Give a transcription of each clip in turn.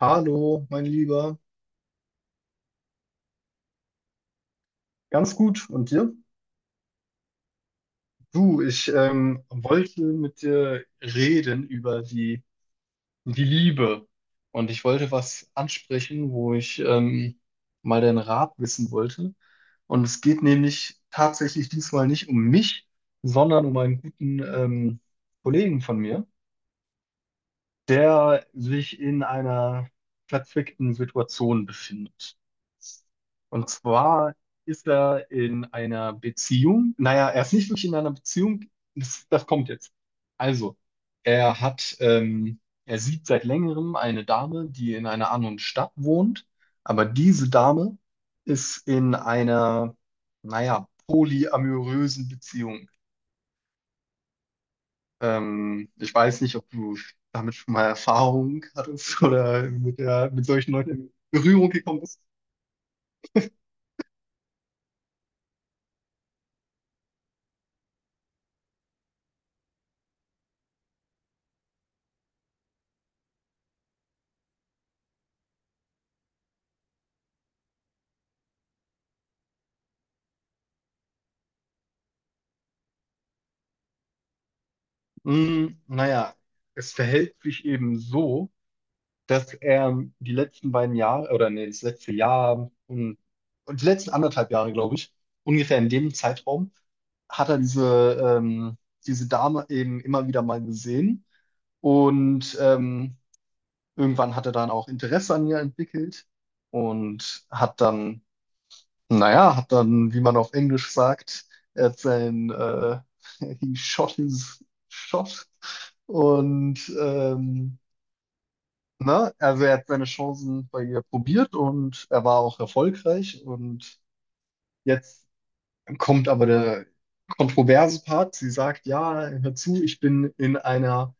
Hallo, mein Lieber. Ganz gut. Und dir? Du, ich wollte mit dir reden über die Liebe. Und ich wollte was ansprechen, wo ich mal deinen Rat wissen wollte. Und es geht nämlich tatsächlich diesmal nicht um mich, sondern um einen guten Kollegen von mir, der sich in einer verzwickten Situation befindet. Und zwar ist er in einer Beziehung. Naja, er ist nicht wirklich in einer Beziehung. Das kommt jetzt. Also, er sieht seit längerem eine Dame, die in einer anderen Stadt wohnt. Aber diese Dame ist in einer, naja, polyamorösen Beziehung. Ich weiß nicht, ob du damit schon mal Erfahrung hattest oder mit mit solchen Leuten in Berührung gekommen bist. Naja, es verhält sich eben so, dass er die letzten beiden Jahre, oder nee, das letzte Jahr und die letzten anderthalb Jahre, glaube ich, ungefähr in dem Zeitraum, hat er diese Dame eben immer wieder mal gesehen. Und irgendwann hat er dann auch Interesse an ihr entwickelt und hat dann hat dann, wie man auf Englisch sagt, er hat sein, äh, he shot his shot und ähm, ne, also er hat seine Chancen bei ihr probiert und er war auch erfolgreich. Und jetzt kommt aber der kontroverse Part. Sie sagt, ja, hör zu, ich bin in einer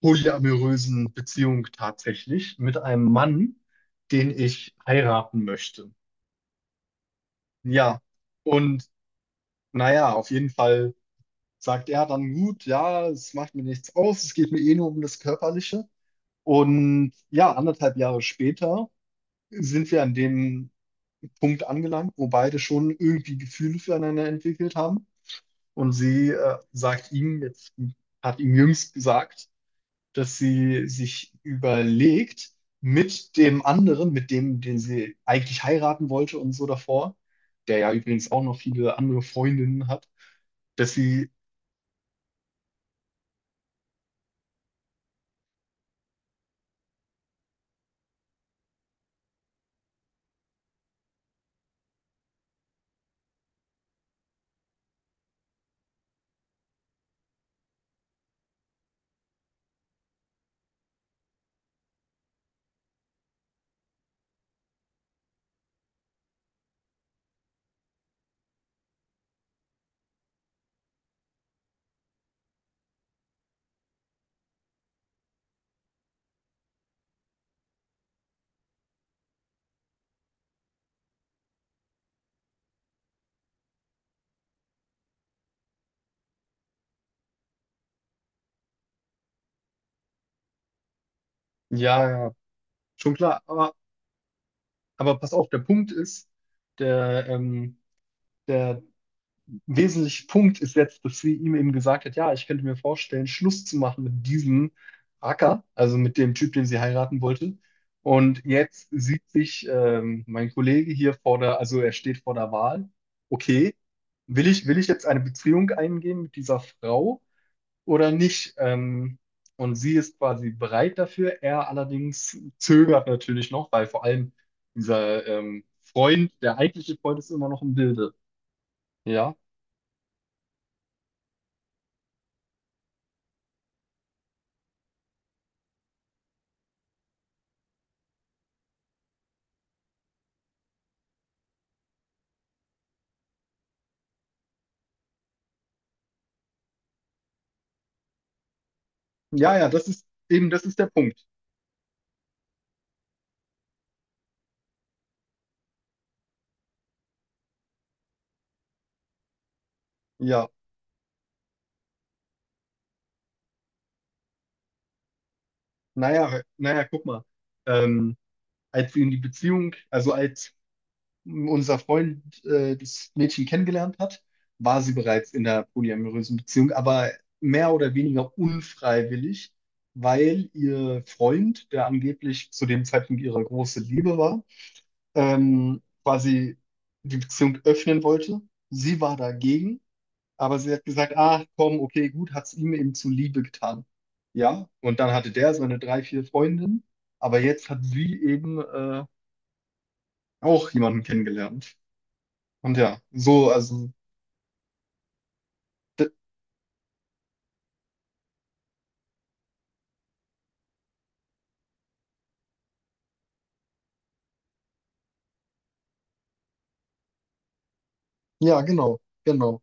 polyamorösen Beziehung tatsächlich mit einem Mann, den ich heiraten möchte. Ja, und naja, auf jeden Fall sagt, ja, dann gut, ja, es macht mir nichts aus, es geht mir eh nur um das Körperliche. Und ja, anderthalb Jahre später sind wir an dem Punkt angelangt, wo beide schon irgendwie Gefühle füreinander entwickelt haben. Und sie sagt ihm, jetzt hat ihm jüngst gesagt, dass sie sich überlegt, mit dem anderen, mit dem, den sie eigentlich heiraten wollte und so davor, der ja übrigens auch noch viele andere Freundinnen hat, dass sie, ja, ja, schon klar, aber pass auf, der Punkt ist, der, ähm, der wesentliche Punkt ist jetzt, dass sie ihm eben gesagt hat, ja, ich könnte mir vorstellen, Schluss zu machen mit diesem Acker, also mit dem Typ, den sie heiraten wollte. Und jetzt sieht sich mein Kollege hier also er steht vor der Wahl, okay, will ich jetzt eine Beziehung eingehen mit dieser Frau oder nicht. Und sie ist quasi bereit dafür. Er allerdings zögert natürlich noch, weil vor allem dieser Freund, der eigentliche Freund, ist immer noch im Bilde Ja, ja, ja, das ist eben, das ist der Punkt. Ja, naja, guck mal. Ähm, als sie in die Beziehung, also als unser Freund das Mädchen kennengelernt hat, war sie bereits in einer polyamorösen Beziehung, aber mehr oder weniger unfreiwillig, weil ihr Freund, der angeblich zu dem Zeitpunkt ihre große Liebe war, quasi die Beziehung öffnen wollte. Sie war dagegen, aber sie hat gesagt, ah, komm, okay, gut, hat es ihm eben zuliebe getan. Ja, und dann hatte der seine drei, vier Freundinnen, aber jetzt hat sie eben auch jemanden kennengelernt. Und ja, so, also, d- ja, genau.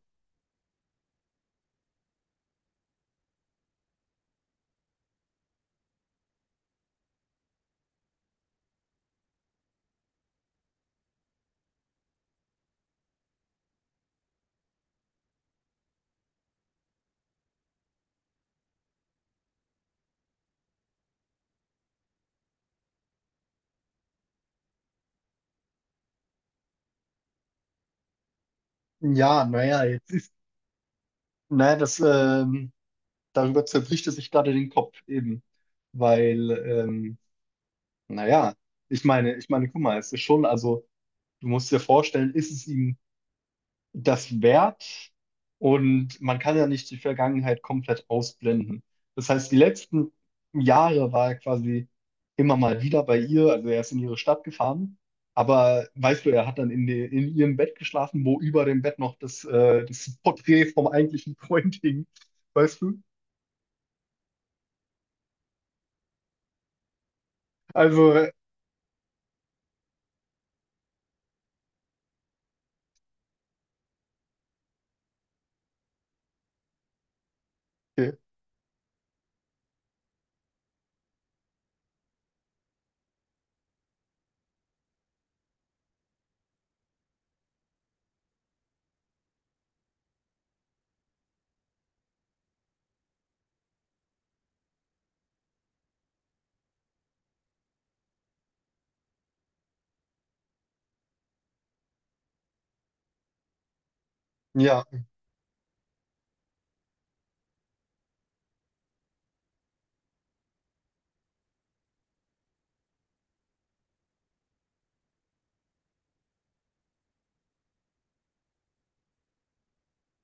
Ja, naja, jetzt ist, naja, das, darüber zerbricht es sich gerade den Kopf eben, weil, ähm, naja, ich meine, guck mal, es ist schon, also, du musst dir vorstellen, ist es ihm das währt und man kann ja nicht die Vergangenheit komplett ausblenden. Das heißt, die letzten Jahre war er quasi immer mal wieder bei ihr, also er ist in ihre Stadt gefahren, aber weißt du, er hat dann in ihrem Bett geschlafen, wo über dem Bett noch das Porträt vom eigentlichen Freund hing, weißt du? Also, äh, ja.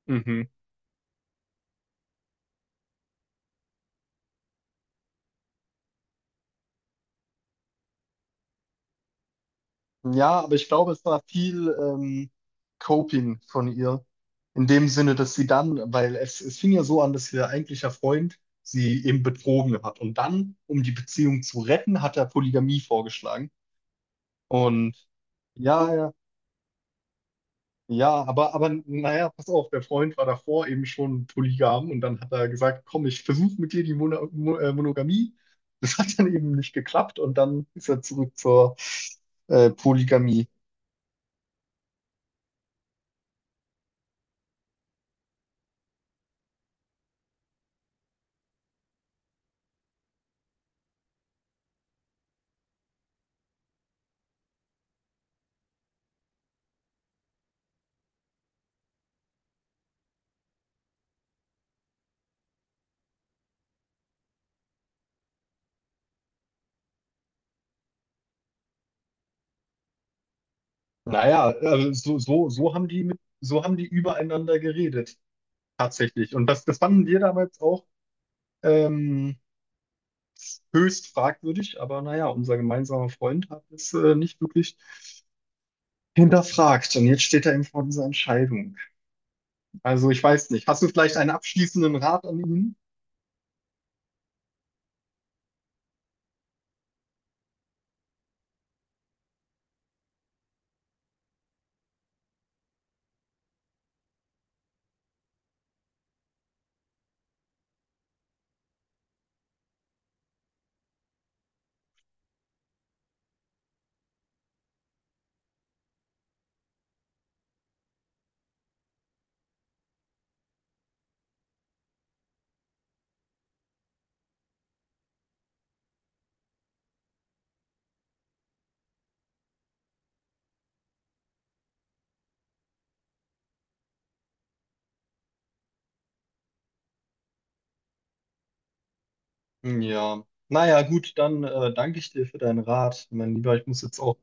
Mhm. Ja, aber ich glaube, es war viel Coping von ihr. In dem Sinne, dass sie dann, es fing ja so an, dass ihr eigentlicher Freund sie eben betrogen hat. Und dann, um die Beziehung zu retten, hat er Polygamie vorgeschlagen. Und ja, ja, ja, aber naja, pass auf, der Freund war davor eben schon polygam und dann hat er gesagt, komm, ich versuche mit dir die Monogamie. Das hat dann eben nicht geklappt und dann ist er zurück zur Polygamie. Naja, also so haben so haben die übereinander geredet, tatsächlich. Und das fanden wir damals auch ähm, höchst fragwürdig, aber naja, unser gemeinsamer Freund hat es nicht wirklich hinterfragt. Und jetzt steht er eben vor dieser Entscheidung. Also ich weiß nicht. Hast du vielleicht einen abschließenden Rat an ihn? Ja. Naja, gut, dann danke ich dir für deinen Rat. Mein Lieber, ich muss jetzt auch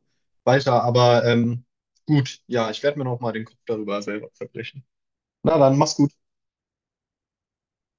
weiter, aber gut, ja, ich werde mir noch mal den Kopf darüber selber zerbrechen. Na dann, mach's gut.